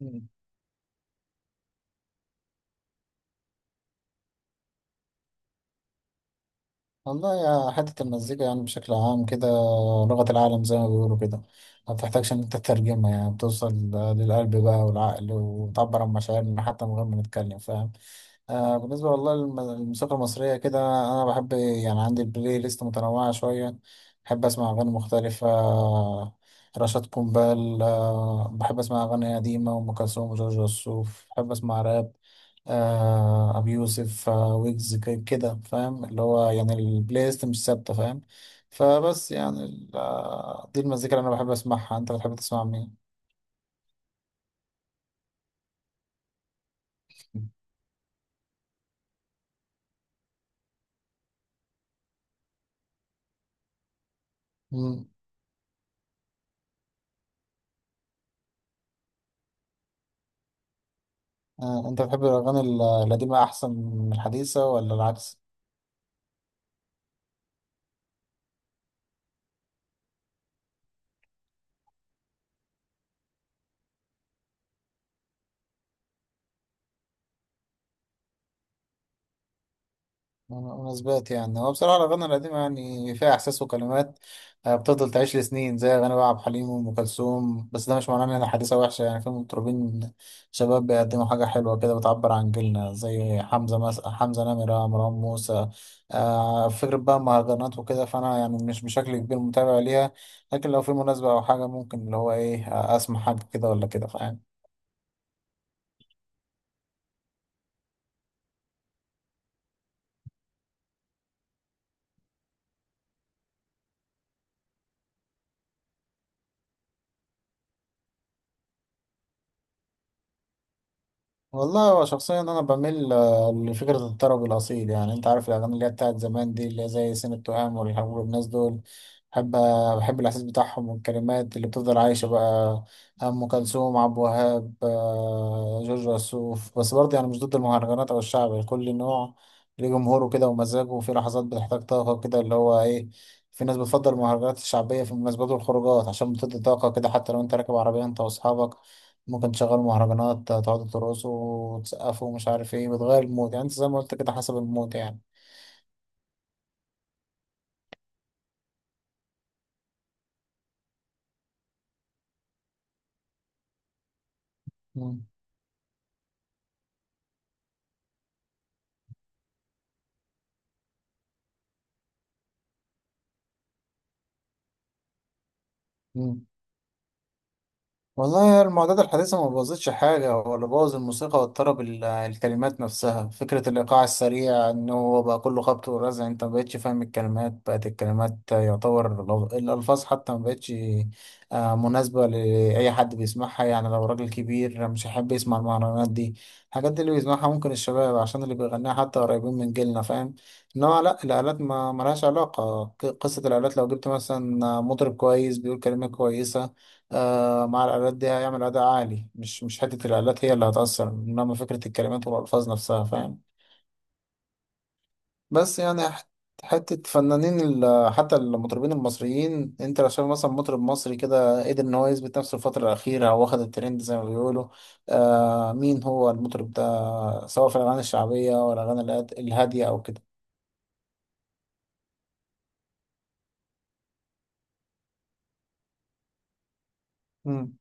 مم. والله، يا حتة المزيكا يعني بشكل عام كده، لغة العالم زي ما بيقولوا كده، ما بتحتاجش إن أنت تترجمها، يعني بتوصل للقلب بقى والعقل، وتعبر عن مشاعرنا حتى من غير ما نتكلم، فاهم؟ آه، بالنسبة والله للموسيقى المصرية كده، أنا بحب يعني عندي البلاي ليست متنوعة شوية، بحب أسمع أغاني مختلفة. رشاد قنبال، آه بحب أسمع أغاني قديمة وأم كلثوم وجورج وسوف، بحب أسمع راب، أبي يوسف ويجز كده فاهم، اللي هو يعني البلاي ليست مش ثابتة فاهم. فبس يعني دي المزيكا اللي أنا بحب أسمعها. أنت بتحب تسمع مين؟ مم. أنت بتحب الأغاني القديمة أحسن من الحديثة ولا العكس؟ مناسبات، يعني هو بصراحة الأغاني القديمة يعني فيها إحساس وكلمات، بتفضل تعيش لسنين، زي أغاني بقى عبد الحليم وأم كلثوم. بس ده مش معناه إن هي حديثة وحشة، يعني في مطربين شباب بيقدموا حاجة حلوة كده، بتعبر عن جيلنا، زي حمزة نمرة، مروان موسى. فكرة بقى مهرجانات وكده، فأنا يعني مش بشكل كبير متابع ليها، لكن لو في مناسبة أو حاجة، ممكن اللي هو إيه، أسمع حاجة كده ولا كده فاهم. والله، هو شخصيا انا بميل لفكره الطرب الاصيل، يعني انت عارف الاغاني اللي هي بتاعت زمان دي، اللي هي زي سن التهام والارهاب والناس دول. بحب الاحساس بتاعهم والكلمات اللي بتفضل عايشه بقى، ام كلثوم عبد الوهاب، جورج وسوف. بس برضه يعني مش ضد المهرجانات او الشعب، كل نوع ليه جمهوره كده ومزاجه، وفي لحظات بتحتاج طاقه كده اللي هو ايه. في ناس بتفضل المهرجانات الشعبيه في المناسبات والخروجات، عشان بتدي طاقه كده، حتى لو انت راكب عربيه انت واصحابك ممكن تشغل مهرجانات، تقعدوا ترقصوا وتسقفوا ومش عارف ايه، بتغير المود، يعني انت زي ما قلت كده حسب المود يعني. مم. مم. والله، المعدات الحديثة ما بوظتش حاجة، هو اللي بوظ الموسيقى واضطرب الكلمات نفسها، فكرة الإيقاع السريع إن هو بقى كله خبط ورزع، أنت ما بقتش فاهم الكلمات، بقت الكلمات يعتبر الألفاظ حتى ما بقتش مناسبة لأي حد بيسمعها. يعني لو راجل كبير مش هيحب يسمع المهرجانات دي، الحاجات دي اللي بيسمعها ممكن الشباب، عشان اللي بيغنيها حتى قريبين من جيلنا فاهم. إنما لأ، الآلات ما ملهاش علاقة، قصة الآلات، لو جبت مثلا مطرب كويس بيقول كلمة كويسة آه، مع الآلات دي هيعمل أداء عالي، مش حتة الآلات هي اللي هتأثر، إنما فكرة الكلمات والألفاظ نفسها فاهم. بس يعني حتة فنانين، حتى المطربين المصريين، أنت لو شايف مثلا مطرب مصري كده قدر إن هو يثبت نفسه الفترة الأخيرة أو واخد الترند زي ما بيقولوا، مين هو المطرب ده، سواء في الأغاني الشعبية ولا الأغاني الهادية أو كده؟ مم.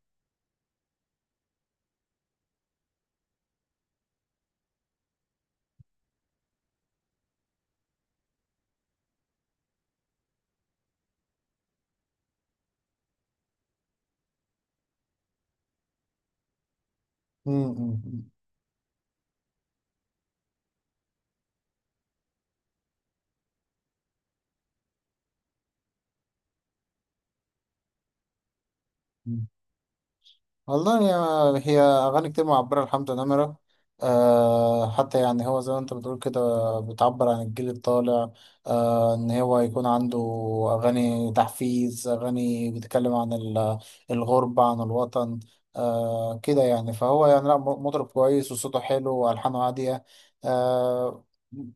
مم. مم. مم. والله، هي أغاني كتير معبرة لحمزة نمرة. حتى يعني هو زي ما أنت بتقول كده، بتعبر عن الجيل الطالع. إن هو يكون عنده أغاني تحفيز، أغاني بتتكلم عن الغربة عن الوطن. كده يعني، فهو يعني لا، مطرب كويس وصوته حلو وألحانه هادية. أه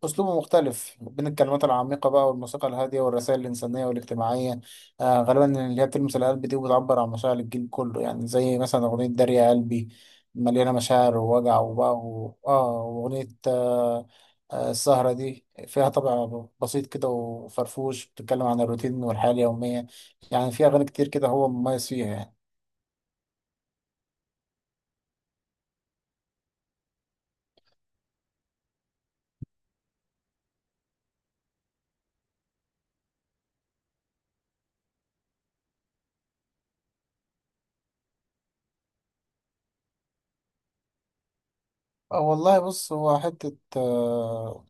أسلوبه مختلف بين الكلمات العميقة بقى والموسيقى الهادية والرسائل الإنسانية والاجتماعية، غالبا اللي هي بتلمس القلب دي، وبتعبر عن مشاعر الجيل كله، يعني زي مثلا أغنية داري يا قلبي، مليانة مشاعر ووجع وبقى و... آه وأغنية السهرة دي فيها طبع بسيط كده وفرفوش، بتتكلم عن الروتين والحياة اليومية، يعني فيها أغاني كتير كده هو مميز فيها يعني. والله، بص، هو حتة،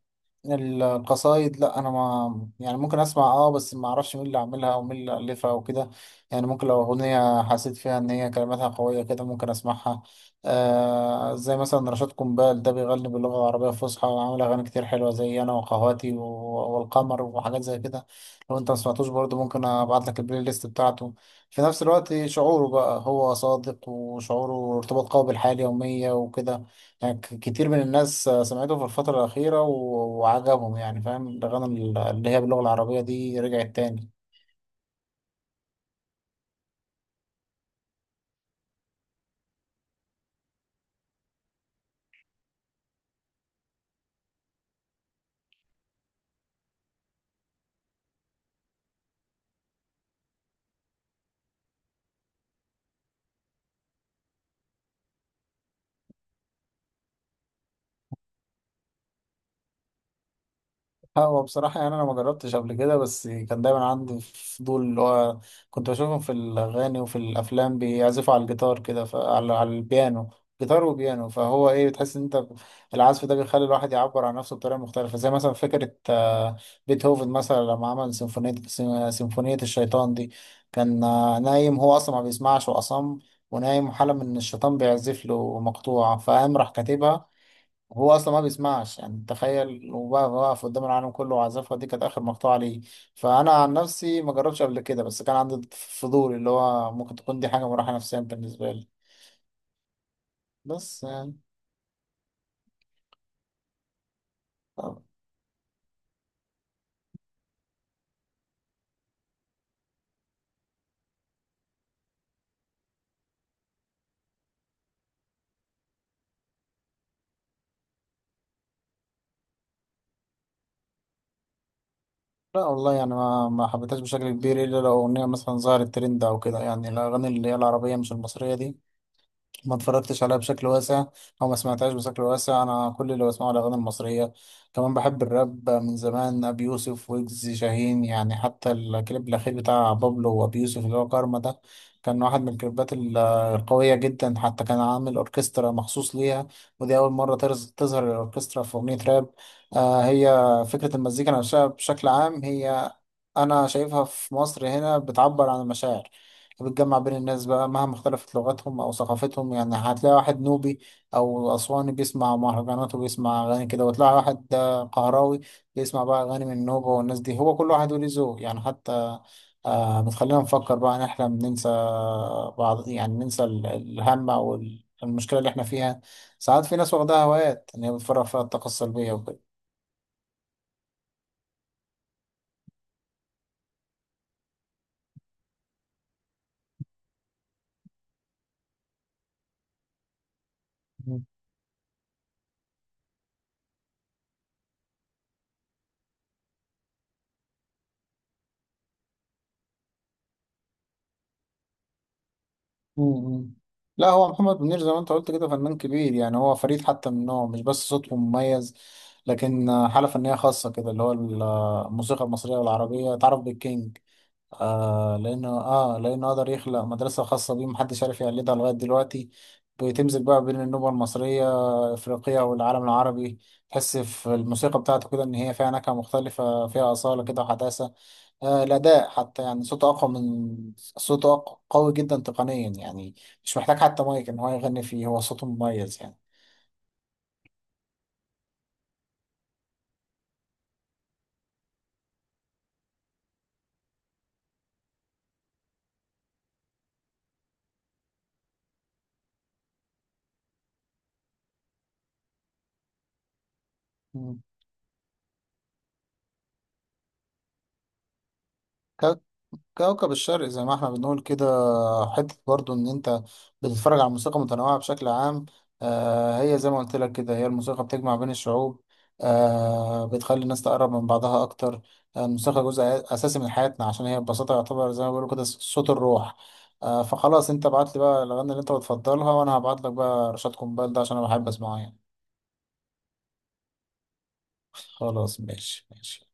القصايد لا، انا ما يعني ممكن اسمع بس ما اعرفش مين اللي عاملها ومين اللي الفها وكده. يعني ممكن لو اغنيه حسيت فيها ان هي كلماتها قويه كده ممكن اسمعها، زي مثلا رشاد قنبال ده بيغني باللغه العربيه الفصحى، وعامل اغاني كتير حلوه زي انا وقهواتي والقمر وحاجات زي كده. لو انت ما سمعتوش برضه ممكن ابعت لك البلاي ليست بتاعته. في نفس الوقت، شعوره بقى هو صادق، وشعوره ارتباط قوي بالحياه اليوميه وكده، يعني كتير من الناس سمعته في الفترة الأخيرة وعجبهم يعني فاهم، الأغاني اللي هي باللغة العربية دي رجعت تاني. هو بصراحة يعني أنا ما جربتش قبل كده، بس كان دايما عندي فضول اللي هو كنت بشوفهم في الأغاني وفي الأفلام بيعزفوا على الجيتار كده، على البيانو، جيتار وبيانو، فهو إيه، بتحس إن أنت العزف ده بيخلي الواحد يعبر عن نفسه بطريقة مختلفة، زي مثلا فكرة بيتهوفن مثلا لما عمل سيمفونية، سيمفونية الشيطان دي، كان نايم، هو أصلا ما بيسمعش وأصم، ونايم وحلم إن الشيطان بيعزف له مقطوعة، فقام راح كاتبها. هو اصلا ما بيسمعش، يعني تخيل، وبقى واقف قدام العالم كله وعزفها، دي كانت اخر مقطوعه ليه. فانا عن نفسي ما جربتش قبل كده، بس كان عندي فضول اللي هو ممكن تكون دي حاجه مراحه نفسيه بالنسبه لي. بس يعني طب- لا والله، يعني ما حبيتهاش بشكل كبير، الا لو اغنيه مثلا ظهرت ترند او كده. يعني الاغاني اللي هي العربيه مش المصريه دي ما اتفرجتش عليها بشكل واسع، او ما سمعتهاش بشكل واسع، انا كل اللي بسمعه الاغاني المصريه. كمان بحب الراب من زمان، ابي يوسف، ويجز، شاهين، يعني حتى الكليب الاخير بتاع بابلو وابي يوسف اللي هو كارما ده، كان واحد من الكليبات القويه جدا، حتى كان عامل اوركسترا مخصوص ليها، ودي اول مره تظهر الاوركسترا في اغنيه راب. هي فكره المزيكا نفسها بشكل عام، هي انا شايفها في مصر هنا بتعبر عن المشاعر، بتجمع بين الناس بقى مهما اختلفت لغتهم أو ثقافتهم، يعني هتلاقي واحد نوبي أو أسواني بيسمع مهرجانات وبيسمع أغاني كده، وتلاقي واحد قهراوي بيسمع بقى أغاني من النوبة، والناس دي هو كل واحد وليه ذوق يعني. حتى بتخلينا نفكر بقى، نحلم، ننسى بعض يعني، ننسى الهم أو المشكلة اللي احنا فيها، ساعات في ناس واخدها هوايات إن هي بتفرغ فيها الطاقة السلبية وكده. مم. لا، هو محمد منير زي ما انت قلت كده فنان كبير، يعني هو فريد حتى من نوعه، مش بس صوته مميز، لكن حالة فنية خاصة كده، اللي هو الموسيقى المصرية والعربية اتعرف بالكينج. لأنه قدر يخلق مدرسة خاصة بيه، محدش عارف يقلدها لغاية دلوقتي، بتمزج بقى بين النوبة المصرية، أفريقيا والعالم العربي. تحس في الموسيقى بتاعته كده إن هي فيها نكهة مختلفة، فيها أصالة كده وحداثة، الأداء حتى يعني صوته أقوى من صوته قوي جدا تقنيا يعني، مش محتاج حتى مايك إن هو يغني فيه، هو صوته مميز يعني. مم. كوكب الشرق زي ما احنا بنقول كده، حتة برضو ان انت بتتفرج على موسيقى متنوعة بشكل عام. هي زي ما قلت لك كده، هي الموسيقى بتجمع بين الشعوب، بتخلي الناس تقرب من بعضها اكتر، الموسيقى جزء اساسي من حياتنا، عشان هي ببساطة يعتبر زي ما بيقولوا كده صوت الروح. فخلاص، انت بعت لي بقى الاغاني اللي انت بتفضلها، وانا هبعت لك بقى رشاد قنبال ده عشان انا بحب اسمعه يعني. خلاص ماشي ماشي.